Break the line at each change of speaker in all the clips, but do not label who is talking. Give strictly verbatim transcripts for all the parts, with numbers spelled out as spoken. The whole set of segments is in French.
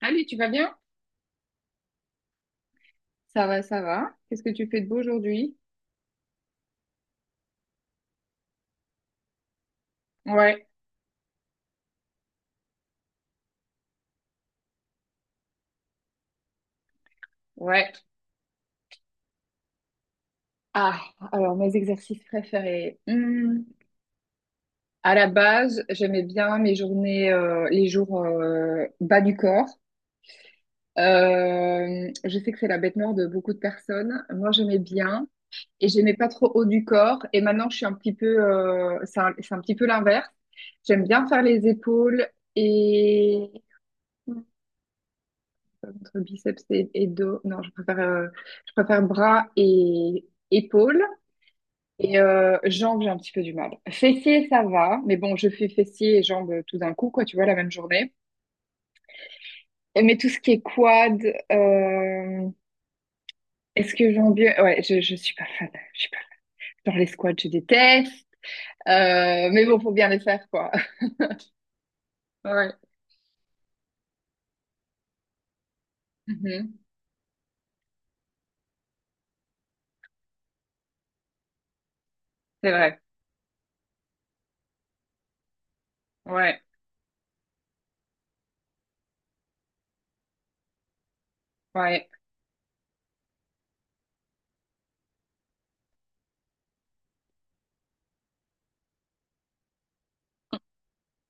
Salut, tu vas bien? Ça va, ça va. Qu'est-ce que tu fais de beau aujourd'hui? Ouais, ouais. Ah, alors mes exercices préférés. Hmm, À la base, j'aimais bien mes journées, euh, les jours euh, bas du corps. Euh, je sais que c'est la bête noire de beaucoup de personnes. Moi, j'aimais bien et j'aimais pas trop haut du corps. Et maintenant, je suis un petit peu, euh, c'est un, c'est un petit peu l'inverse. J'aime bien faire les épaules et entre biceps et, et dos. Non, je préfère, euh, je préfère bras et épaules. Et euh, jambes, j'ai un petit peu du mal. Fessiers, ça va. Mais bon, je fais fessiers et jambes tout d'un coup, quoi, tu vois, la même journée. Et Mais tout ce qui est quad, euh, est-ce que j'en bien? Ouais, je, je suis pas fan. Je suis pas fan. Genre les squats, je déteste. Euh, mais bon, faut bien les faire, quoi. Ouais. Mhm. C'est vrai. Ouais. Ouais.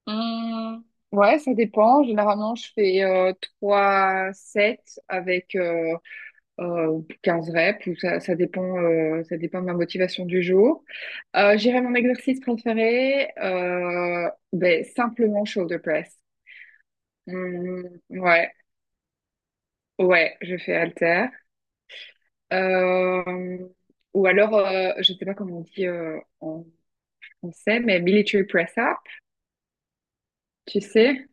Hum, ouais, ça dépend. Généralement, je fais euh, trois sets avec euh, euh, quinze reps. Ou ça, ça dépend, euh, ça dépend de ma motivation du jour. Euh, j'irai mon exercice préféré, euh, ben, simplement shoulder press. Hum, ouais, ouais, je fais halter. Euh, ou alors, euh, je sais pas comment on dit euh, en français, mais military press up, tu sais?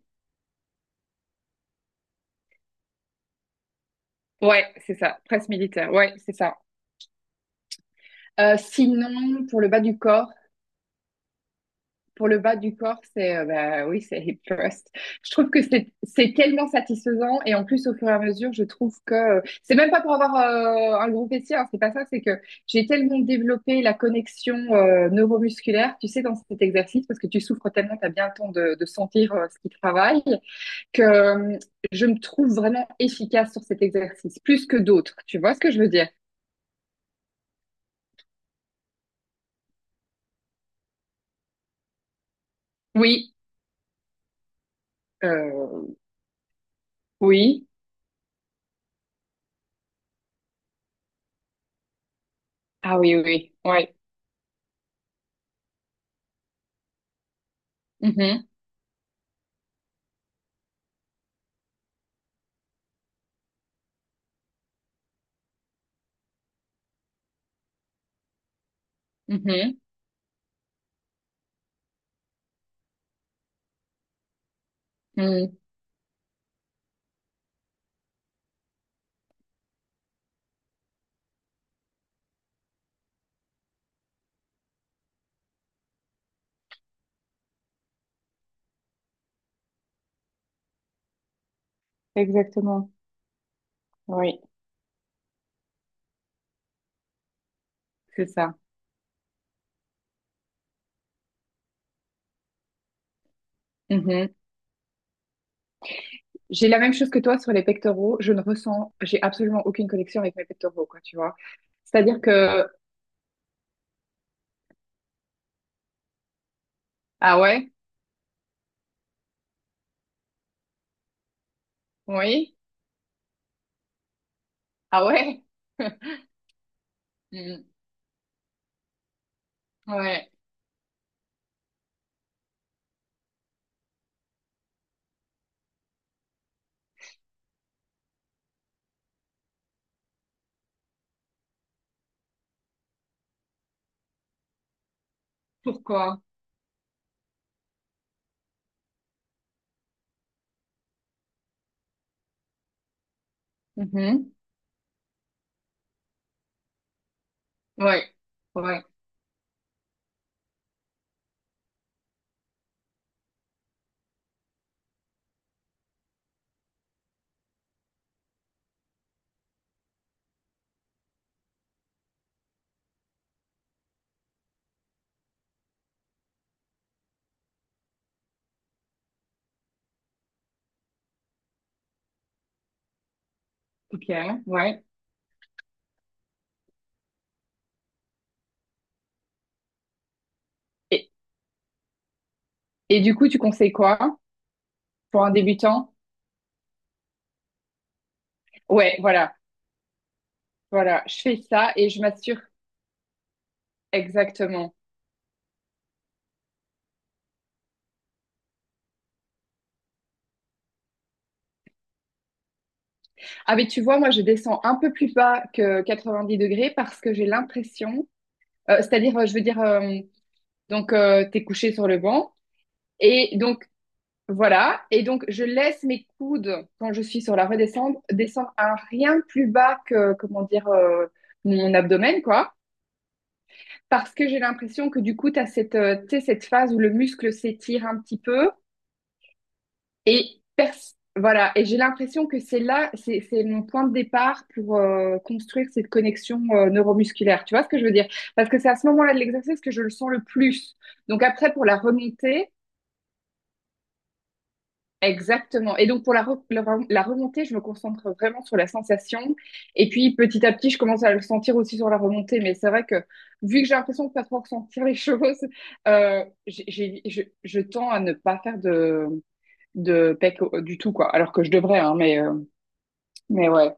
Ouais, c'est ça, presse militaire. Ouais, c'est ça. Euh, sinon, pour le bas du corps, pour le bas du corps, c'est euh, bah, oui, c'est hip thrust. Je trouve que c'est c'est tellement satisfaisant et en plus au fur et à mesure, je trouve que euh, c'est même pas pour avoir euh, un gros fessier, hein, c'est pas ça, c'est que j'ai tellement développé la connexion euh, neuromusculaire, tu sais, dans cet exercice parce que tu souffres tellement, t'as bien le temps de, de sentir euh, ce qui travaille que euh, je me trouve vraiment efficace sur cet exercice, plus que d'autres. Tu vois ce que je veux dire? Oui, euh, oui. Ah oui, oui, oui. Ouais. Mhm, mhm, mhm. Exactement. Oui, c'est ça. Mhm. J'ai la même chose que toi sur les pectoraux. Je ne ressens, j'ai absolument aucune connexion avec mes pectoraux, quoi, tu vois. C'est-à-dire que, ah ouais, oui, ah ouais, hmm, ouais, pourquoi? Mhm, ouais, ouais, ok, ouais. Et, et du coup, tu conseilles quoi pour un débutant? Ouais, voilà, voilà, je fais ça et je m'assure exactement. Ah mais tu vois, moi je descends un peu plus bas que quatre-vingt-dix degrés parce que j'ai l'impression, euh, c'est-à-dire, euh, je veux dire, euh, donc euh, t'es couché sur le banc et donc voilà, et donc je laisse mes coudes quand je suis sur la redescente descendre à rien plus bas que comment dire euh, mon abdomen quoi, parce que j'ai l'impression que du coup t'as cette, euh, tu sais, cette phase où le muscle s'étire un petit peu. Et pers- voilà, et j'ai l'impression que c'est là, c'est c'est mon point de départ pour euh, construire cette connexion euh, neuromusculaire. Tu vois ce que je veux dire? Parce que c'est à ce moment-là de l'exercice que je le sens le plus. Donc après, pour la remontée, exactement. Et donc pour la, re- la re- la remontée, je me concentre vraiment sur la sensation. Et puis petit à petit, je commence à le sentir aussi sur la remontée. Mais c'est vrai que vu que j'ai l'impression de pas trop ressentir les choses, euh, j'ai, j'ai- je, je tends à ne pas faire de de PEC au- du tout, quoi. Alors que je devrais, hein, mais euh, Mais ouais.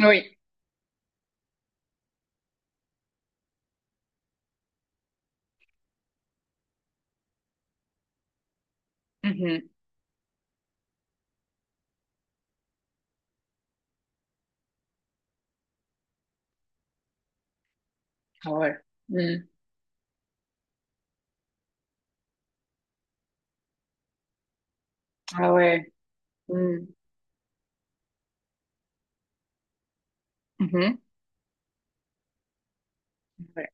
Oui. Mhm. Ah ouais. Mm. Ah ouais. Mm. Mhm. Ouais.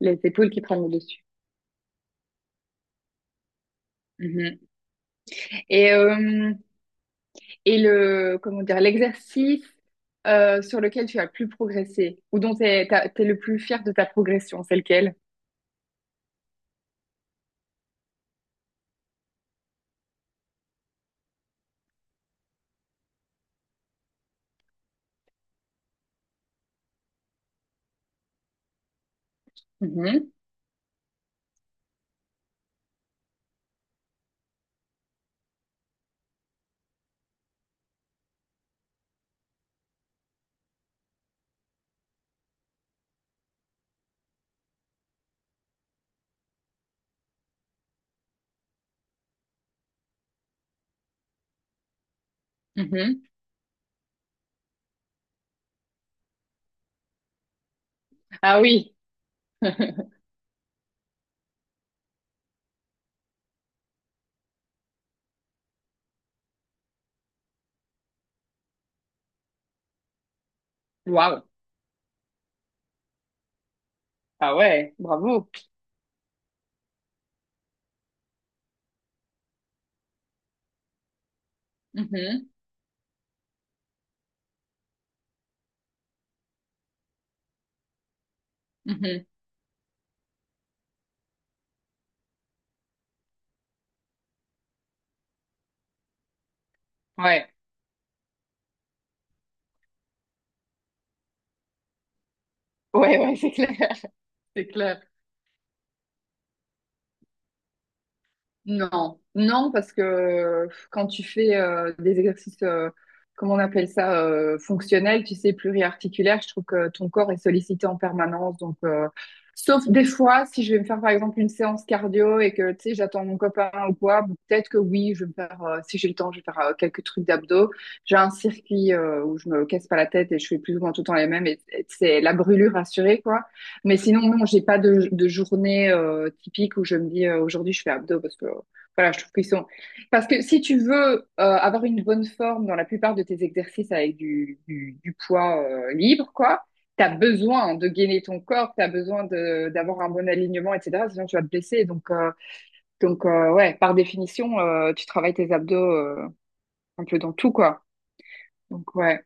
Les épaules qui prennent le dessus. Mhm. Et, euh, et le, comment dire, l'exercice euh, sur lequel tu as le plus progressé ou dont tu es le plus fier de ta progression, c'est lequel? Mhm. Mhm. Ah oui. Waouh. Ah ouais. Bravo. Mhm. Mhm. Ouais. Ouais, ouais, c'est clair. C'est clair. Non, non, parce que euh, quand tu fais euh, des exercices, euh, comment on appelle ça, euh, fonctionnels, tu sais, pluriarticulaires, je trouve que ton corps est sollicité en permanence. Donc, euh, sauf des fois, si je vais me faire par exemple une séance cardio et que tu sais, j'attends mon copain ou quoi, bon, peut-être que oui, je vais me faire, euh, si j'ai le temps, je vais faire euh, quelques trucs d'abdos. J'ai un circuit euh, où je me casse pas la tête et je fais plus ou moins tout le temps les mêmes et et c'est la brûlure assurée, quoi. Mais sinon, non, j'ai pas de, de journée euh, typique où je me dis euh, aujourd'hui je fais abdos parce que euh, voilà, je trouve qu'ils sont. Parce que si tu veux euh, avoir une bonne forme dans la plupart de tes exercices avec du, du, du poids euh, libre, quoi, t'as besoin de gainer ton corps, t'as besoin de d'avoir un bon alignement, et cetera. Sinon tu vas te blesser. Donc euh, donc euh, ouais, par définition, euh, tu travailles tes abdos euh, un peu dans tout, quoi. Donc ouais.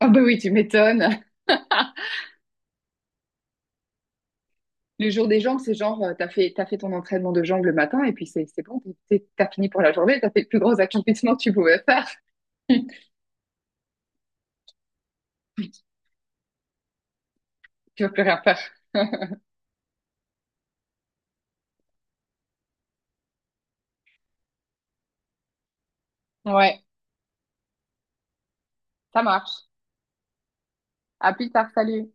Ah bah oui, tu m'étonnes. Le jour des jambes, c'est genre, euh, t'as fait, t'as fait ton entraînement de jambes le matin et puis c'est c'est bon, t'es- t'es- t'as fini pour la journée, t'as fait le plus gros accomplissement que tu pouvais faire. Tu vas plus rien faire. Ouais, ça marche. À plus tard, salut.